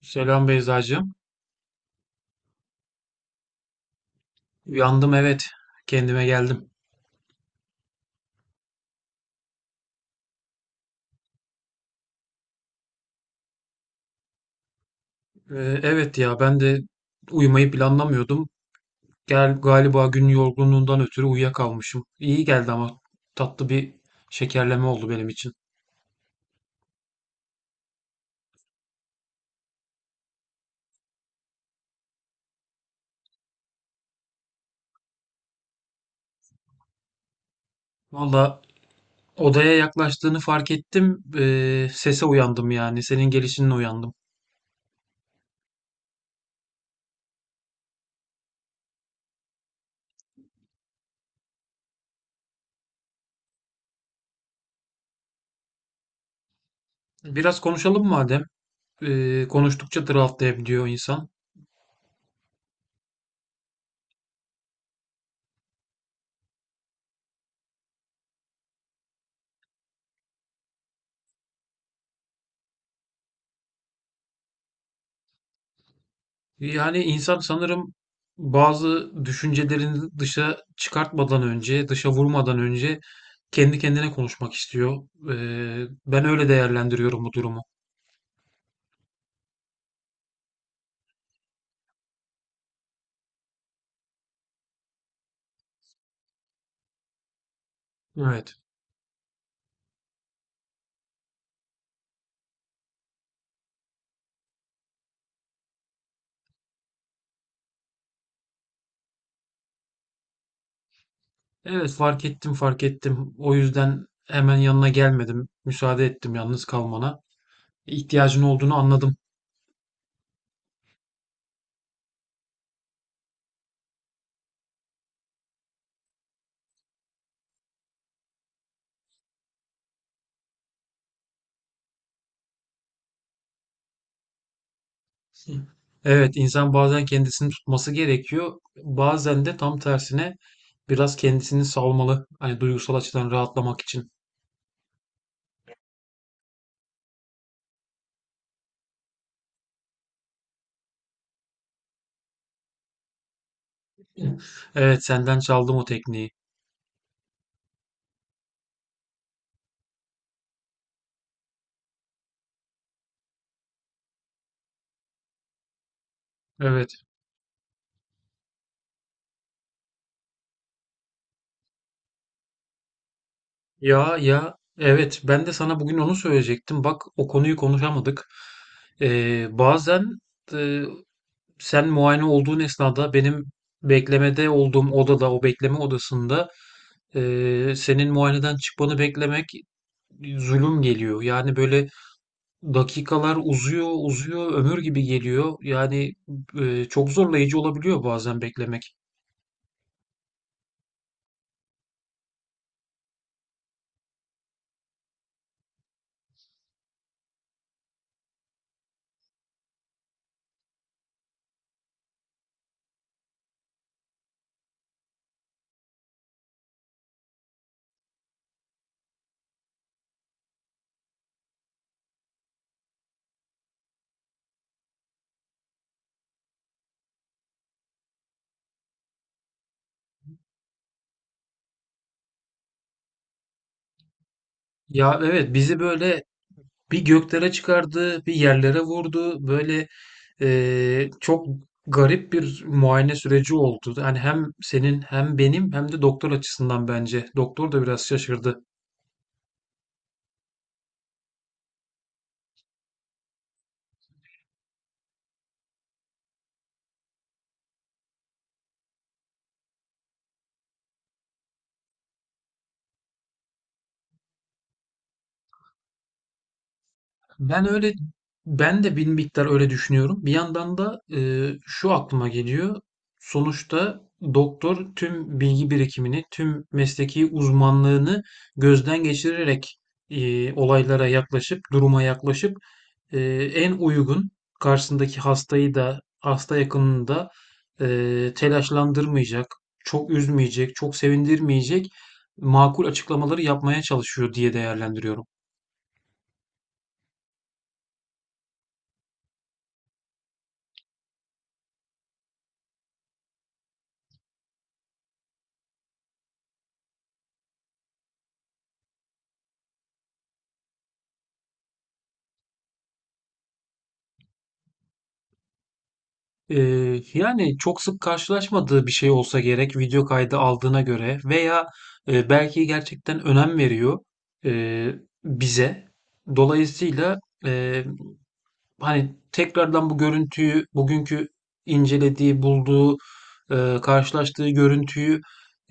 Selam Beyzacığım. Uyandım, evet. Kendime geldim. Evet ya, ben de uyumayı planlamıyordum. Gel galiba gün yorgunluğundan ötürü uyuyakalmışım. İyi geldi ama tatlı bir şekerleme oldu benim için. Valla odaya yaklaştığını fark ettim. Sese uyandım yani. Senin gelişinle uyandım. Biraz konuşalım madem. Konuştukça draftlayabiliyor insan. Yani insan sanırım bazı düşüncelerini dışa çıkartmadan önce, dışa vurmadan önce kendi kendine konuşmak istiyor. Ben öyle değerlendiriyorum bu durumu. Evet. Evet, fark ettim, fark ettim. O yüzden hemen yanına gelmedim. Müsaade ettim yalnız kalmana. İhtiyacın olduğunu anladım. Evet, insan bazen kendisini tutması gerekiyor. Bazen de tam tersine biraz kendisini salmalı. Hani duygusal açıdan rahatlamak için. Evet, senden çaldım o tekniği. Evet. Ya ya evet, ben de sana bugün onu söyleyecektim. Bak, o konuyu konuşamadık. Ee, bazen e, Sen muayene olduğun esnada benim beklemede olduğum odada, o bekleme odasında, senin muayeneden çıkmanı beklemek zulüm geliyor. Yani böyle dakikalar uzuyor, uzuyor, ömür gibi geliyor. Çok zorlayıcı olabiliyor bazen beklemek. Ya evet, bizi böyle bir göklere çıkardı, bir yerlere vurdu. Böyle Çok garip bir muayene süreci oldu. Yani hem senin hem benim hem de doktor açısından bence. Doktor da biraz şaşırdı. Ben öyle, ben de bir miktar öyle düşünüyorum. Bir yandan da şu aklıma geliyor. Sonuçta doktor tüm bilgi birikimini, tüm mesleki uzmanlığını gözden geçirerek olaylara yaklaşıp, duruma yaklaşıp, e, en uygun, karşısındaki hastayı da hasta yakınını da telaşlandırmayacak, çok üzmeyecek, çok sevindirmeyecek makul açıklamaları yapmaya çalışıyor diye değerlendiriyorum. Yani çok sık karşılaşmadığı bir şey olsa gerek video kaydı aldığına göre veya belki gerçekten önem veriyor e, bize. Dolayısıyla e, hani tekrardan bu görüntüyü, bugünkü incelediği, bulduğu, karşılaştığı görüntüyü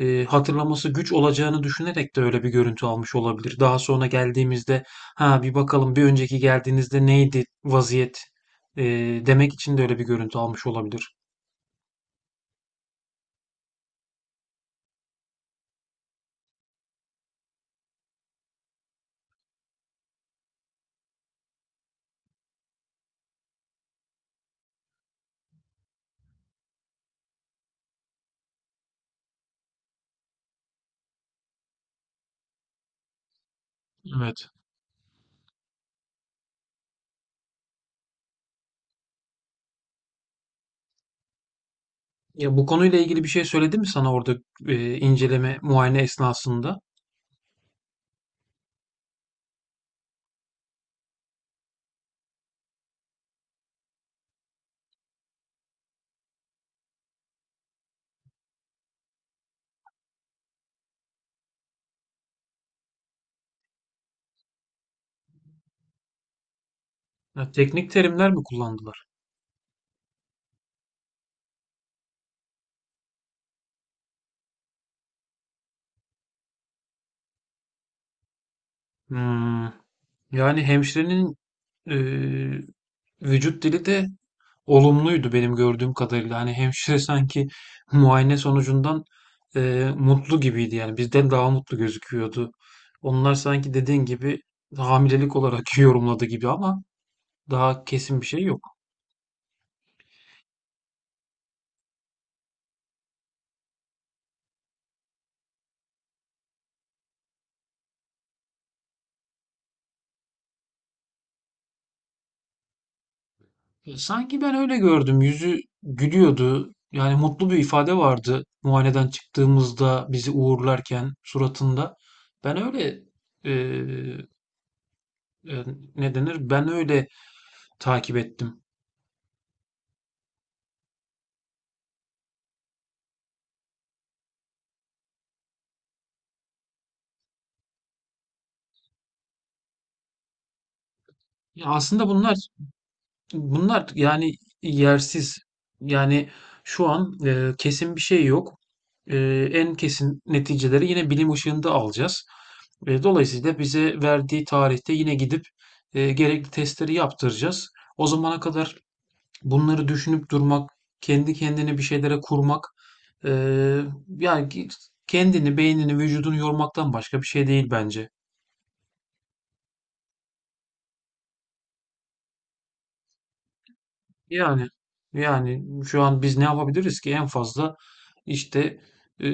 hatırlaması güç olacağını düşünerek de öyle bir görüntü almış olabilir. Daha sonra geldiğimizde, ha bir bakalım bir önceki geldiğinizde neydi vaziyet, e, demek için de öyle bir görüntü almış olabilir. Evet. Ya, bu konuyla ilgili bir şey söyledi mi sana orada, inceleme, muayene esnasında? Ya, teknik terimler mi kullandılar? Hmm. Yani hemşirenin e, vücut dili de olumluydu benim gördüğüm kadarıyla. Hani hemşire sanki muayene sonucundan mutlu gibiydi yani. Bizden daha mutlu gözüküyordu. Onlar sanki dediğin gibi hamilelik olarak yorumladı gibi, ama daha kesin bir şey yok. Sanki ben öyle gördüm. Yüzü gülüyordu. Yani mutlu bir ifade vardı muayeneden çıktığımızda bizi uğurlarken suratında. Ben öyle e, e, Ne denir? Ben öyle takip ettim. Ya aslında bunlar yani yersiz. Yani şu an kesin bir şey yok. E, En kesin neticeleri yine bilim ışığında alacağız. Dolayısıyla bize verdiği tarihte yine gidip gerekli testleri yaptıracağız. O zamana kadar bunları düşünüp durmak, kendi kendine bir şeylere kurmak, e, yani ki- kendini, beynini, vücudunu yormaktan başka bir şey değil bence. Yani yani şu an biz ne yapabiliriz ki? En fazla işte e,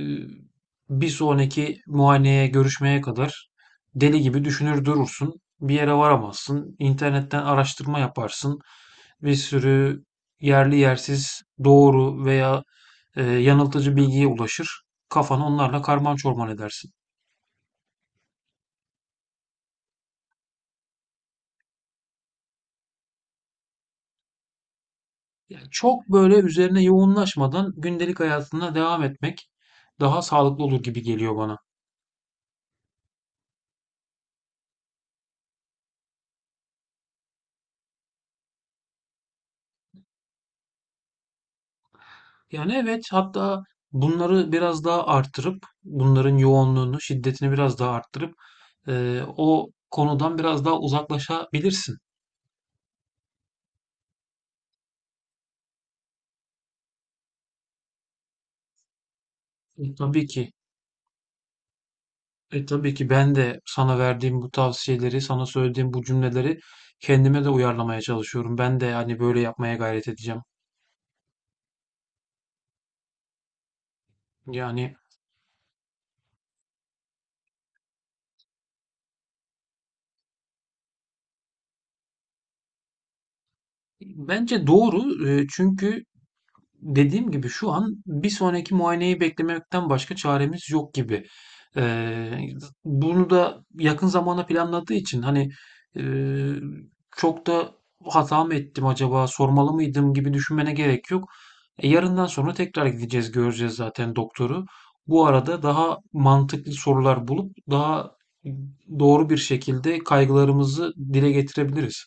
bir sonraki muayeneye, görüşmeye kadar deli gibi düşünür durursun. Bir yere varamazsın. İnternetten araştırma yaparsın. Bir sürü yerli yersiz doğru veya yanıltıcı bilgiye ulaşır. Kafanı onlarla karman çorman edersin. Yani çok böyle üzerine yoğunlaşmadan gündelik hayatına devam etmek daha sağlıklı olur gibi geliyor bana. Yani evet, hatta bunları biraz daha arttırıp, bunların yoğunluğunu, şiddetini biraz daha arttırıp o konudan biraz daha uzaklaşabilirsin. E, tabii ki, tabii ki ben de sana verdiğim bu tavsiyeleri, sana söylediğim bu cümleleri kendime de uyarlamaya çalışıyorum. Ben de hani böyle yapmaya gayret edeceğim. Yani bence doğru, çünkü dediğim gibi şu an bir sonraki muayeneyi beklemekten başka çaremiz yok gibi. Eee, Bunu da yakın zamana planladığı için hani eee, çok da hata mı ettim acaba, sormalı mıydım gibi düşünmene gerek yok. Yarından sonra tekrar gideceğiz, göreceğiz zaten doktoru. Bu arada daha mantıklı sorular bulup daha doğru bir şekilde kaygılarımızı dile getirebiliriz.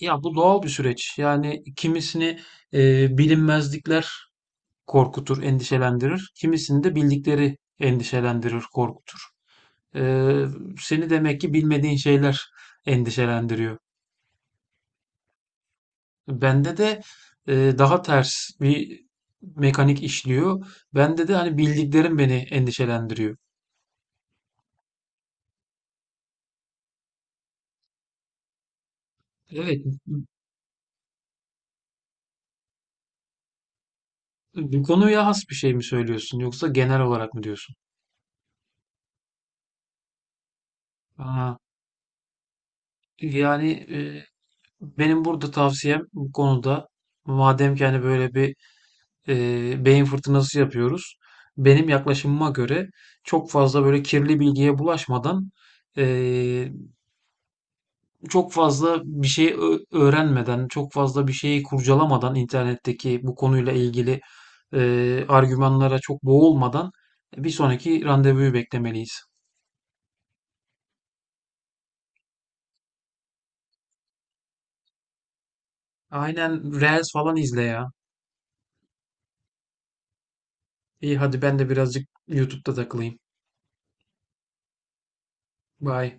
Ya bu doğal bir süreç. Yani kimisini bilinmezlikler korkutur, endişelendirir. Kimisini de bildikleri endişelendirir, korkutur. E, Seni demek ki bilmediğin şeyler endişelendiriyor. Bende de daha ters bir mekanik işliyor. Bende de hani bildiklerim beni endişelendiriyor. Evet, bu konuya has bir şey mi söylüyorsun yoksa genel olarak mı diyorsun? Aa, yani benim burada tavsiyem bu konuda, madem ki hani böyle bir beyin fırtınası yapıyoruz. Benim yaklaşımıma göre çok fazla böyle kirli bilgiye bulaşmadan, e, çok fazla bir şey öğrenmeden, çok fazla bir şeyi kurcalamadan internetteki bu konuyla ilgili argümanlara çok boğulmadan bir sonraki randevuyu beklemeliyiz. Aynen, Reels falan izle ya. İyi, hadi ben de birazcık YouTube'da takılayım. Bye.